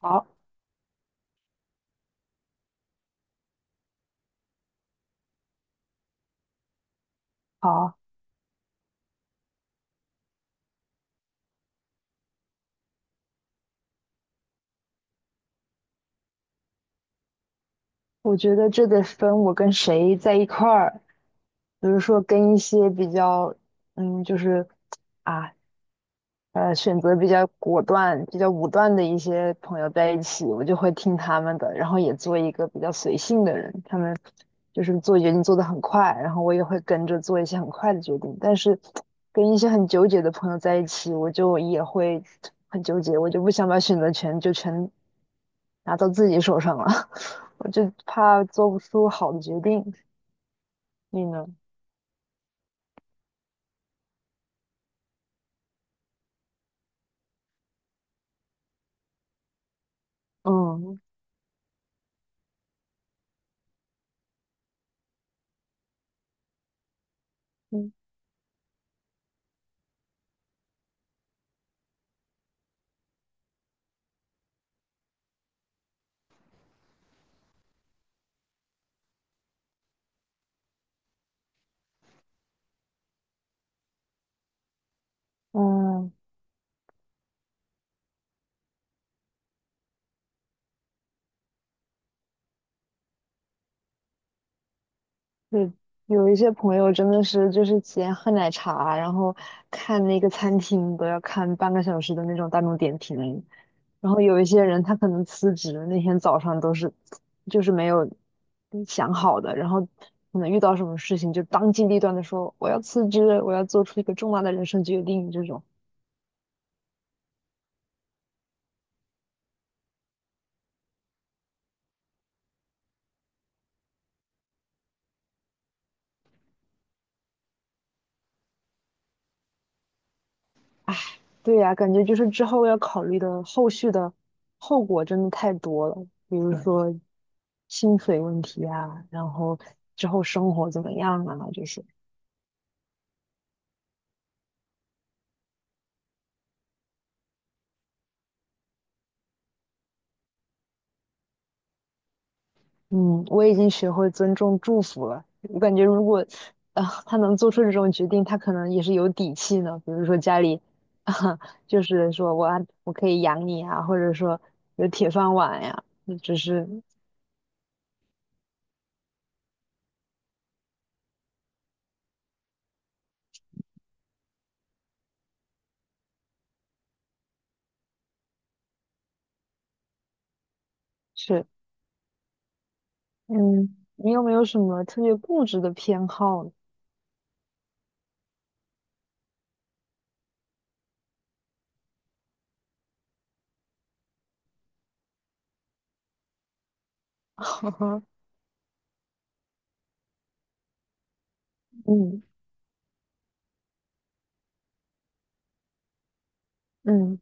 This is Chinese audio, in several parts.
好，好，我觉得这得分我跟谁在一块儿，比如说跟一些比较，嗯，就是啊，选择比较果断、比较武断的一些朋友在一起，我就会听他们的，然后也做一个比较随性的人。他们就是做决定做得很快，然后我也会跟着做一些很快的决定。但是跟一些很纠结的朋友在一起，我就也会很纠结，我就不想把选择权就全拿到自己手上了，我就怕做不出好的决定。你呢？嗯嗯嗯，对，有一些朋友真的是先喝奶茶，然后看那个餐厅都要看半个小时的那种大众点评，然后有一些人他可能辞职那天早上都是没有想好的，然后可能遇到什么事情就当机立断的说我要辞职，我要做出一个重大的人生决定这种。对呀，感觉就是之后要考虑的后续的后果真的太多了，比如对说薪水问题啊，然后之后生活怎么样啊，这些。嗯，我已经学会尊重祝福了。我感觉如果啊、他能做出这种决定，他可能也是有底气呢。比如说家里啊、就是说我啊我可以养你啊，或者说有铁饭碗呀，嗯只是是。嗯，你有没有什么特别固执的偏好呢？嗯嗯。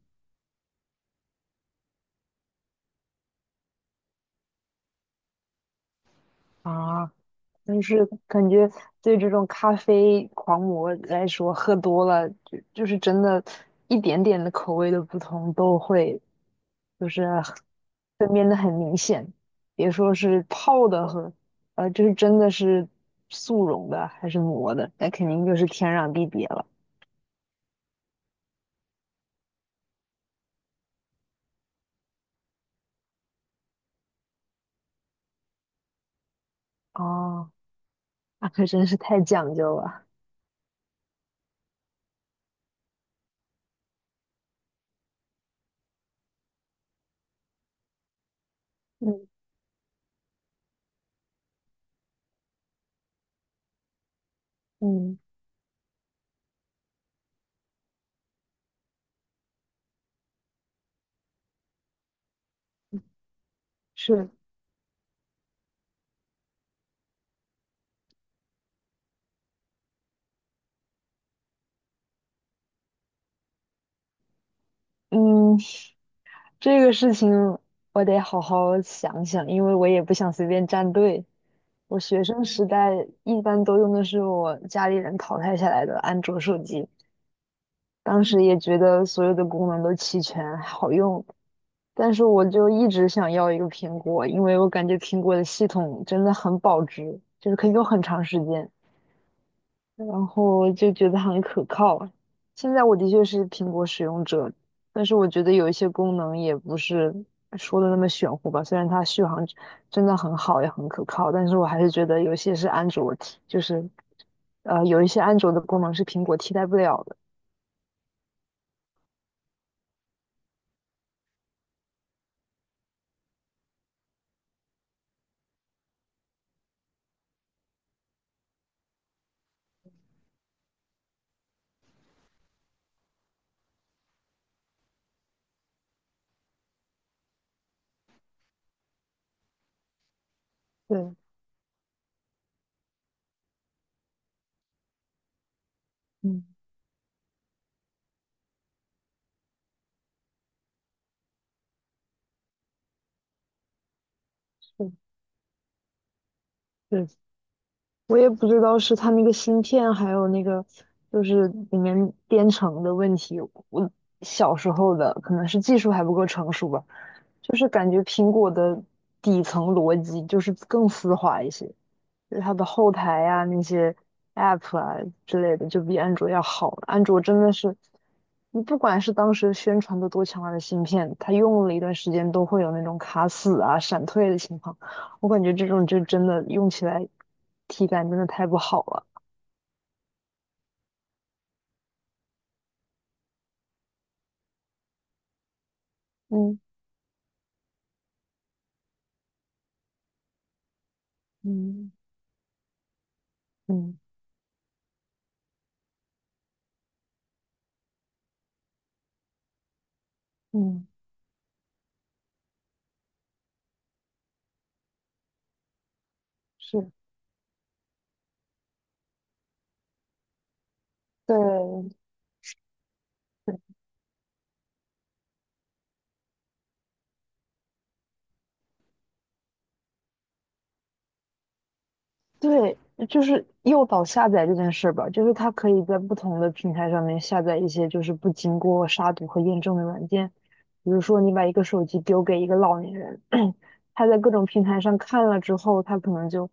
啊，就是感觉对这种咖啡狂魔来说，喝多了就真的，一点点的口味的不同都会就是分辨的很明显，别说是泡的和，就是真的是速溶的还是磨的，那肯定就是天壤地别了。哦，那可真是太讲究了。嗯嗯，是，嗯，这个事情我得好好想想，因为我也不想随便站队。我学生时代一般都用的是我家里人淘汰下来的安卓手机，当时也觉得所有的功能都齐全，好用。但是我就一直想要一个苹果，因为我感觉苹果的系统真的很保值，就是可以用很长时间。然后就觉得很可靠啊。现在我的确是苹果使用者，但是我觉得有一些功能也不是说的那么玄乎吧。虽然它续航真的很好，也很可靠，但是我还是觉得有些是安卓替就是呃，有一些安卓的功能是苹果替代不了的。对，嗯，是对，我也不知道是它那个芯片，还有那个就是里面编程的问题。我小时候的可能是技术还不够成熟吧。就是感觉苹果的底层逻辑就是更丝滑一些，就是它的后台啊那些 App 啊之类的就比安卓要好。安卓真的是，你不管是当时宣传的多强大的芯片，它用了一段时间都会有那种卡死啊、闪退的情况。我感觉这种就真的用起来体感真的太不好了。嗯嗯嗯嗯，是对对。对，就是诱导下载这件事吧，就是它可以在不同的平台上面下载一些就是不经过杀毒和验证的软件，比如说你把一个手机丢给一个老年人，他在各种平台上看了之后，他可能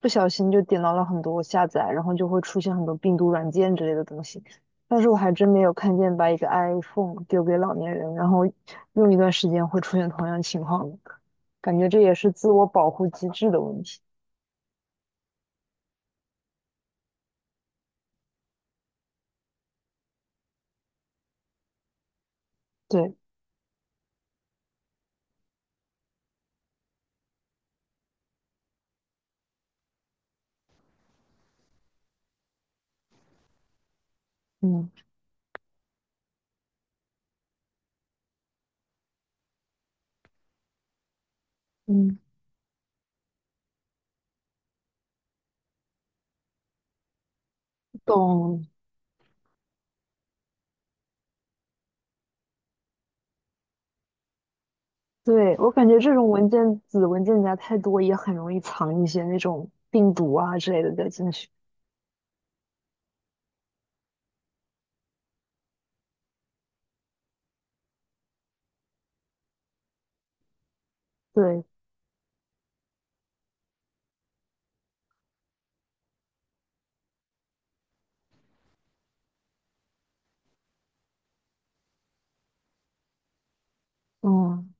不小心就点到了很多下载，然后就会出现很多病毒软件之类的东西。但是我还真没有看见把一个 iPhone 丢给老年人，然后用一段时间会出现同样情况的，感觉这也是自我保护机制的问题。对。嗯。嗯，懂。对，我感觉这种文件子文件夹太多，也很容易藏一些那种病毒啊之类的在进去。对，嗯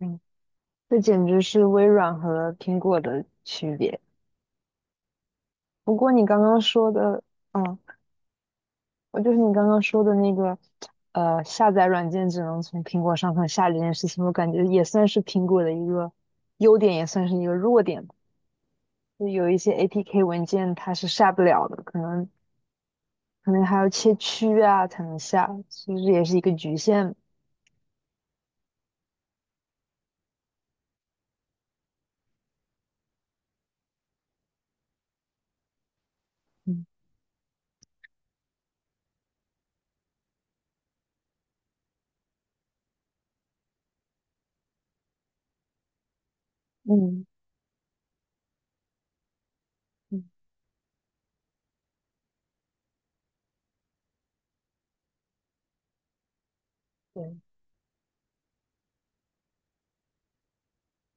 嗯，这简直是微软和苹果的区别。不过你刚刚说的，嗯，我就是你刚刚说的那个，下载软件只能从苹果上头下这件事情，我感觉也算是苹果的一个优点，也算是一个弱点吧。就有一些 APK 文件它是下不了的，可能还要切区啊才能下，其实也是一个局限。嗯嗯嗯对，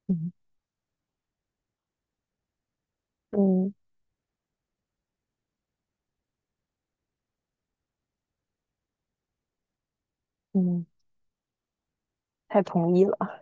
嗯嗯嗯，太同意了。